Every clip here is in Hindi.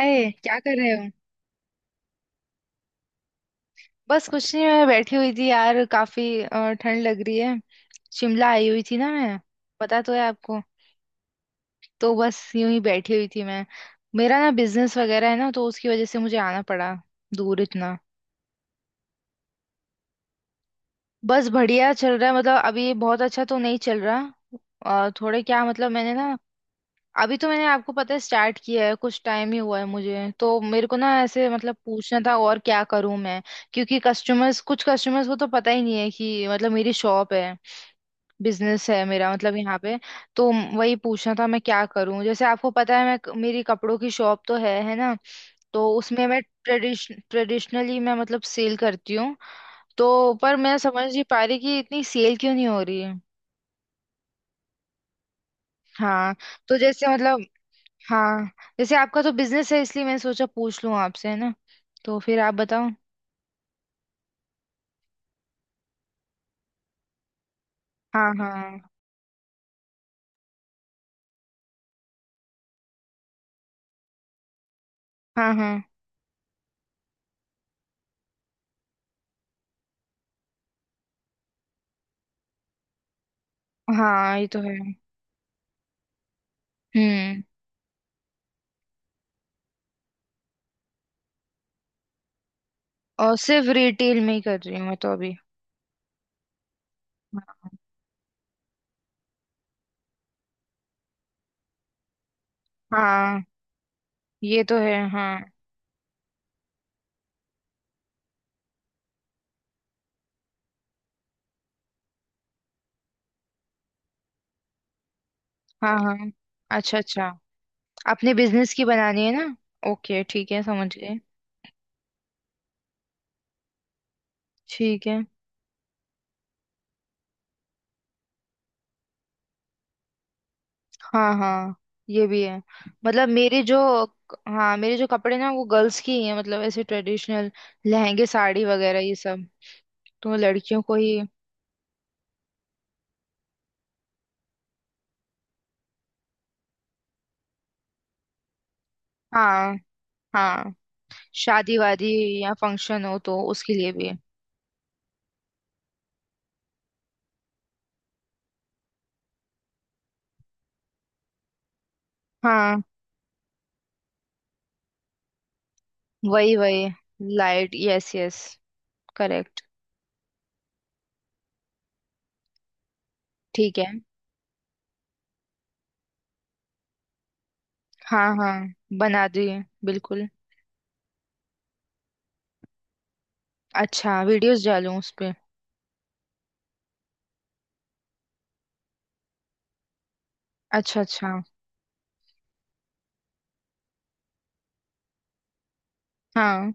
अरे क्या कर रहे हो। बस कुछ नहीं, मैं बैठी हुई थी यार, काफी ठंड लग रही है। शिमला आई हुई थी ना मैं। पता तो है आपको। तो बस यूं ही बैठी हुई थी मैं। मेरा ना बिजनेस वगैरह है ना, तो उसकी वजह से मुझे आना पड़ा, दूर इतना। बस बढ़िया चल रहा है, मतलब अभी बहुत अच्छा तो नहीं चल रहा। और थोड़े क्या, मतलब मैंने ना। अभी तो मैंने, आपको पता है, स्टार्ट किया है, कुछ टाइम ही हुआ है, मुझे तो मेरे को ना ऐसे मतलब पूछना था और क्या करूं मैं। क्योंकि कस्टमर्स, कुछ कस्टमर्स को तो पता ही नहीं है कि मतलब मेरी शॉप है, बिजनेस है मेरा, मतलब यहाँ पे। तो वही पूछना था, मैं क्या करूं। जैसे आपको पता है, मैं, मेरी कपड़ों की शॉप तो है ना। तो उसमें मैं ट्रेडिशनली मैं मतलब सेल करती हूँ। तो पर मैं समझ नहीं पा रही कि इतनी सेल क्यों नहीं हो रही है। हाँ। तो जैसे मतलब। हाँ। जैसे आपका तो बिजनेस है, इसलिए मैंने सोचा पूछ लूँ आपसे, है ना। तो फिर आप बताओ। हाँ हाँ। हाँ। हाँ हाँ। ये तो है। हम्म। और सिर्फ रिटेल में ही कर रही हूँ मैं तो अभी। हाँ, ये तो है। हाँ हाँ हाँ। अच्छा अच्छा। अपने बिजनेस की बनानी है ना। ओके, ठीक है, समझ गए। ठीक है। हाँ हाँ, ये भी है। मतलब मेरे जो। हाँ, मेरे जो कपड़े ना, वो गर्ल्स की ही है, मतलब ऐसे ट्रेडिशनल लहंगे साड़ी वगैरह ये सब। तो लड़कियों को ही। हाँ हाँ, शादी वादी या फंक्शन हो तो उसके लिए भी। हाँ, वही वही, लाइट। Yes yes, correct. ठीक है। हाँ हाँ, बना दिए बिल्कुल। अच्छा, वीडियोस डालूं उस पे। अच्छा अच्छा। हाँ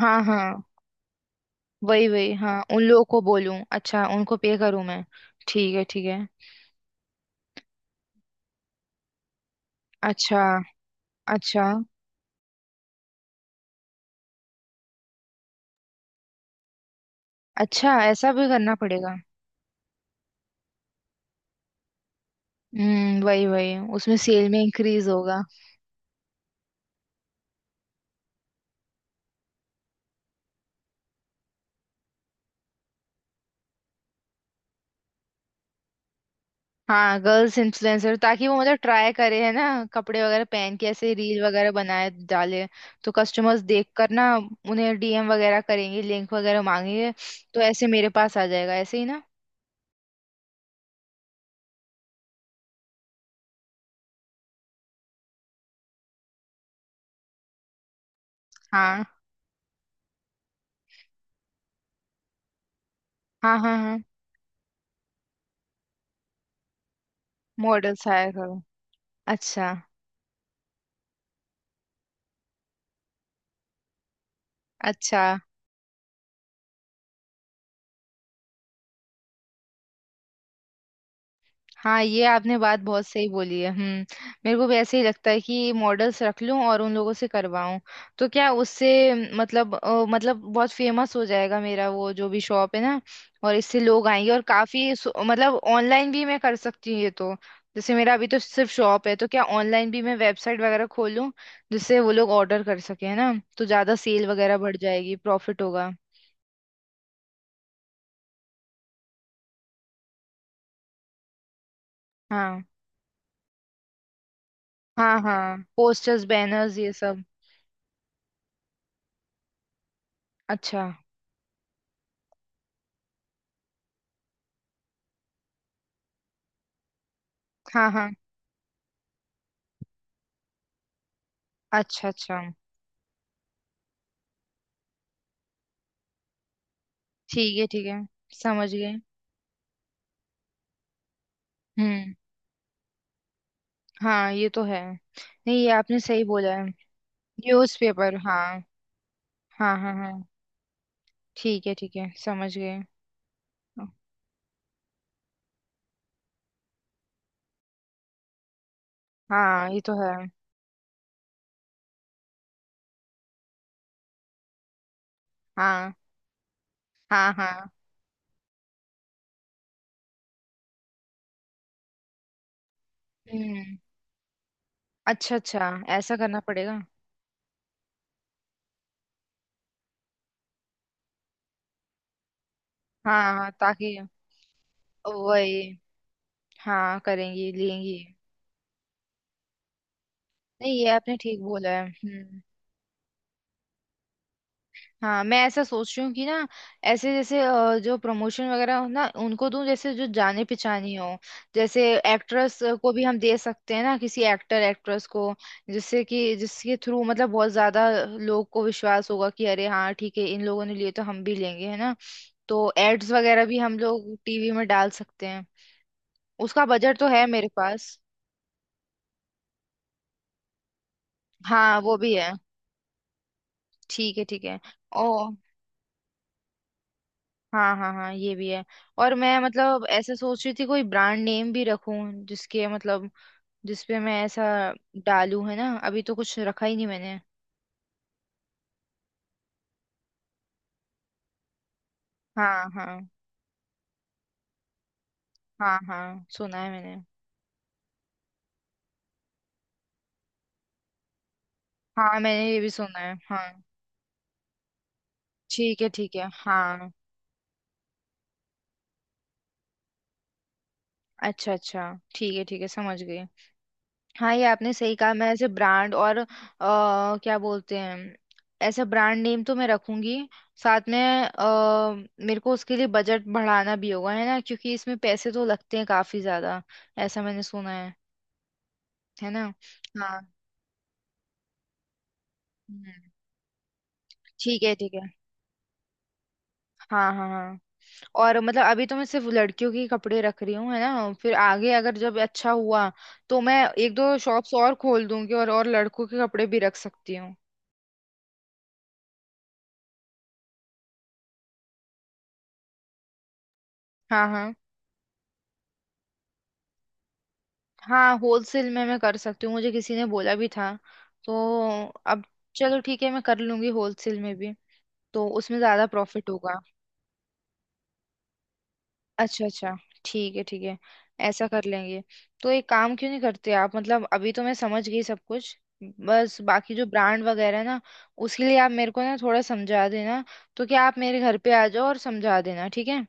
हाँ हाँ, वही वही। हाँ, उन लोगों को बोलूं, अच्छा, उनको पे करूं मैं। ठीक है ठीक है। अच्छा अच्छा। अच्छा, ऐसा भी करना पड़ेगा। हम्म, वही वही, उसमें सेल में इंक्रीज होगा। हाँ, गर्ल्स इन्फ्लुएंसर, ताकि वो मतलब ट्राई करे, है ना। कपड़े वगैरह पहन के ऐसे रील वगैरह बनाए, डाले। तो कस्टमर्स देख कर ना, उन्हें डीएम वगैरह करेंगे, लिंक वगैरह मांगेंगे। तो ऐसे मेरे पास आ जाएगा, ऐसे ही ना। हाँ हाँ हाँ हाँ। मॉडल्स हायर करो। अच्छा अच्छा। हाँ, ये आपने बात बहुत सही बोली है। हम्म। मेरे को भी ऐसे ही लगता है, कि मॉडल्स रख लूं और उन लोगों से करवाऊं। तो क्या उससे, मतलब मतलब बहुत फेमस हो जाएगा मेरा वो जो भी शॉप है ना। और इससे लोग आएंगे, और काफी मतलब ऑनलाइन भी मैं कर सकती हूँ ये तो। जैसे मेरा अभी तो सिर्फ शॉप है, तो क्या ऑनलाइन भी मैं वेबसाइट वगैरह खोलूं, जिससे वो लोग ऑर्डर कर सके, है ना। तो ज्यादा सेल वगैरह बढ़ जाएगी, प्रॉफिट होगा। हाँ हाँ हाँ, पोस्टर्स, बैनर्स, ये सब। अच्छा। हाँ हाँ, अच्छा अच्छा, ठीक है ठीक है, समझ गए। हम्म। हाँ, ये तो है नहीं, ये आपने सही बोला है। न्यूज़पेपर, हाँ। हाँ हाँ हाँ, ठीक है ठीक है, समझ गए। हाँ, ये तो है। हाँ हाँ हाँ। हम्म। अच्छा अच्छा, ऐसा करना पड़ेगा। हाँ हाँ, ताकि, वही, हाँ, करेंगी, लेंगी। नहीं, ये आपने ठीक बोला है। हम्म। हाँ, मैं ऐसा सोच रही हूँ कि ना, ऐसे जैसे जो प्रमोशन वगैरह हो ना उनको दूं, जैसे जो जाने पहचानी हो। जैसे एक्ट्रेस को भी हम दे सकते हैं ना, किसी एक्टर एक्ट्रेस को। जिससे कि, जिसके थ्रू मतलब बहुत ज्यादा लोग को विश्वास होगा कि अरे हाँ ठीक है, इन लोगों ने लिए तो हम भी लेंगे, है ना। तो एड्स वगैरह भी हम लोग टीवी में डाल सकते हैं। उसका बजट तो है मेरे पास। हाँ, वो भी है। ठीक है ठीक है। ओ। हाँ हाँ हाँ, ये भी है। और मैं मतलब ऐसे सोच रही थी, कोई ब्रांड नेम भी रखूं, जिसके मतलब, जिसपे मैं ऐसा डालूं, है ना। अभी तो कुछ रखा ही नहीं मैंने। हाँ हाँ। हाँ, हाँ सुना है मैंने। हाँ, मैंने ये भी सुना है, हाँ। ठीक है ठीक है, हाँ। अच्छा अच्छा, ठीक है ठीक है, समझ गई। हाँ, ये आपने सही कहा। मैं ऐसे ब्रांड, और क्या बोलते हैं, ऐसा ब्रांड नेम तो मैं रखूंगी। साथ में, अ, मेरे को उसके लिए बजट बढ़ाना भी होगा, है ना, क्योंकि इसमें पैसे तो लगते हैं काफी ज्यादा, ऐसा मैंने सुना है। है ना। हाँ। हम्म। ठीक है ठीक है। हाँ हाँ हाँ। और मतलब अभी तो मैं सिर्फ लड़कियों के कपड़े रख रही हूँ, है ना, फिर आगे अगर जब अच्छा हुआ, तो मैं एक दो शॉप्स और खोल दूंगी, और लड़कों के कपड़े भी रख सकती हूँ। हाँ हाँ हाँ। होलसेल में मैं कर सकती हूँ, मुझे किसी ने बोला भी था। तो अब, चलो ठीक है, मैं कर लूंगी होलसेल में भी, तो उसमें ज्यादा प्रॉफिट होगा। अच्छा अच्छा, ठीक है ठीक है, ऐसा कर लेंगे। तो एक काम क्यों नहीं करते आप, मतलब अभी तो मैं समझ गई सब कुछ, बस बाकी जो ब्रांड वगैरह है ना, उसके लिए आप मेरे को ना थोड़ा समझा देना। तो क्या आप मेरे घर पे आ जाओ और समझा देना, ठीक है,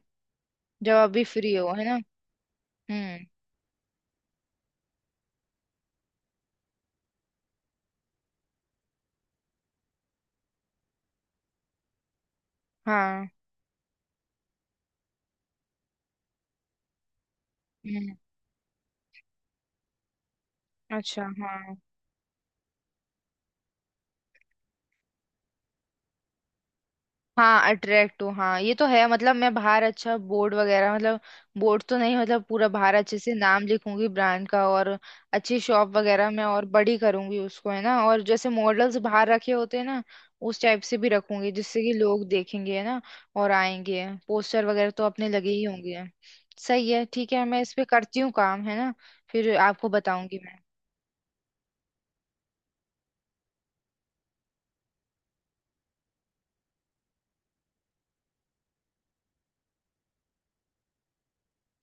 जब अभी फ्री हो, है ना। हम्म। हाँ। हम्म। अच्छा, हाँ। हाँ, अट्रैक्ट हूँ, हाँ, ये तो है। मतलब मैं बाहर अच्छा बोर्ड वगैरह, मतलब बोर्ड तो नहीं, मतलब पूरा बाहर अच्छे से नाम लिखूंगी ब्रांड का, और अच्छी शॉप वगैरह में, और बड़ी करूंगी उसको, है ना। और जैसे मॉडल्स बाहर रखे होते हैं ना, उस टाइप से भी रखूंगी, जिससे कि लोग देखेंगे, है ना, और आएंगे। पोस्टर वगैरह तो अपने लगे ही होंगे। सही है, ठीक है, मैं इस पे करती हूँ काम, है ना। फिर आपको बताऊंगी मैं।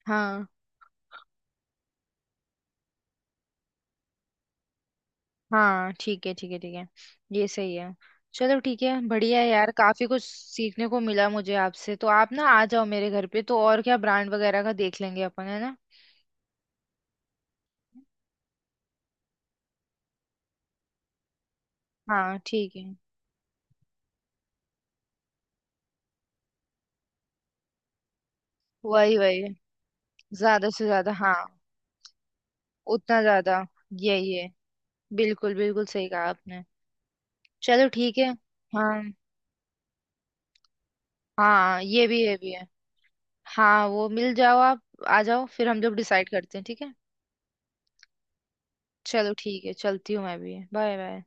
हाँ हाँ, ठीक है ठीक है ठीक है। ये सही है। चलो ठीक है, बढ़िया है यार, काफी कुछ सीखने को मिला मुझे आपसे। तो आप ना आ जाओ मेरे घर पे, तो और क्या ब्रांड वगैरह का देख लेंगे अपन, है ना। हाँ, ठीक है। वही वही, ज्यादा से ज्यादा, हाँ। उतना ज्यादा। यही है। बिल्कुल बिल्कुल, सही कहा आपने। चलो ठीक है। हाँ हाँ, ये भी है, ये भी है। हाँ, वो मिल जाओ आप, आ जाओ, फिर हम लोग डिसाइड करते हैं, ठीक है। चलो ठीक है, चलती हूँ मैं भी, बाय बाय।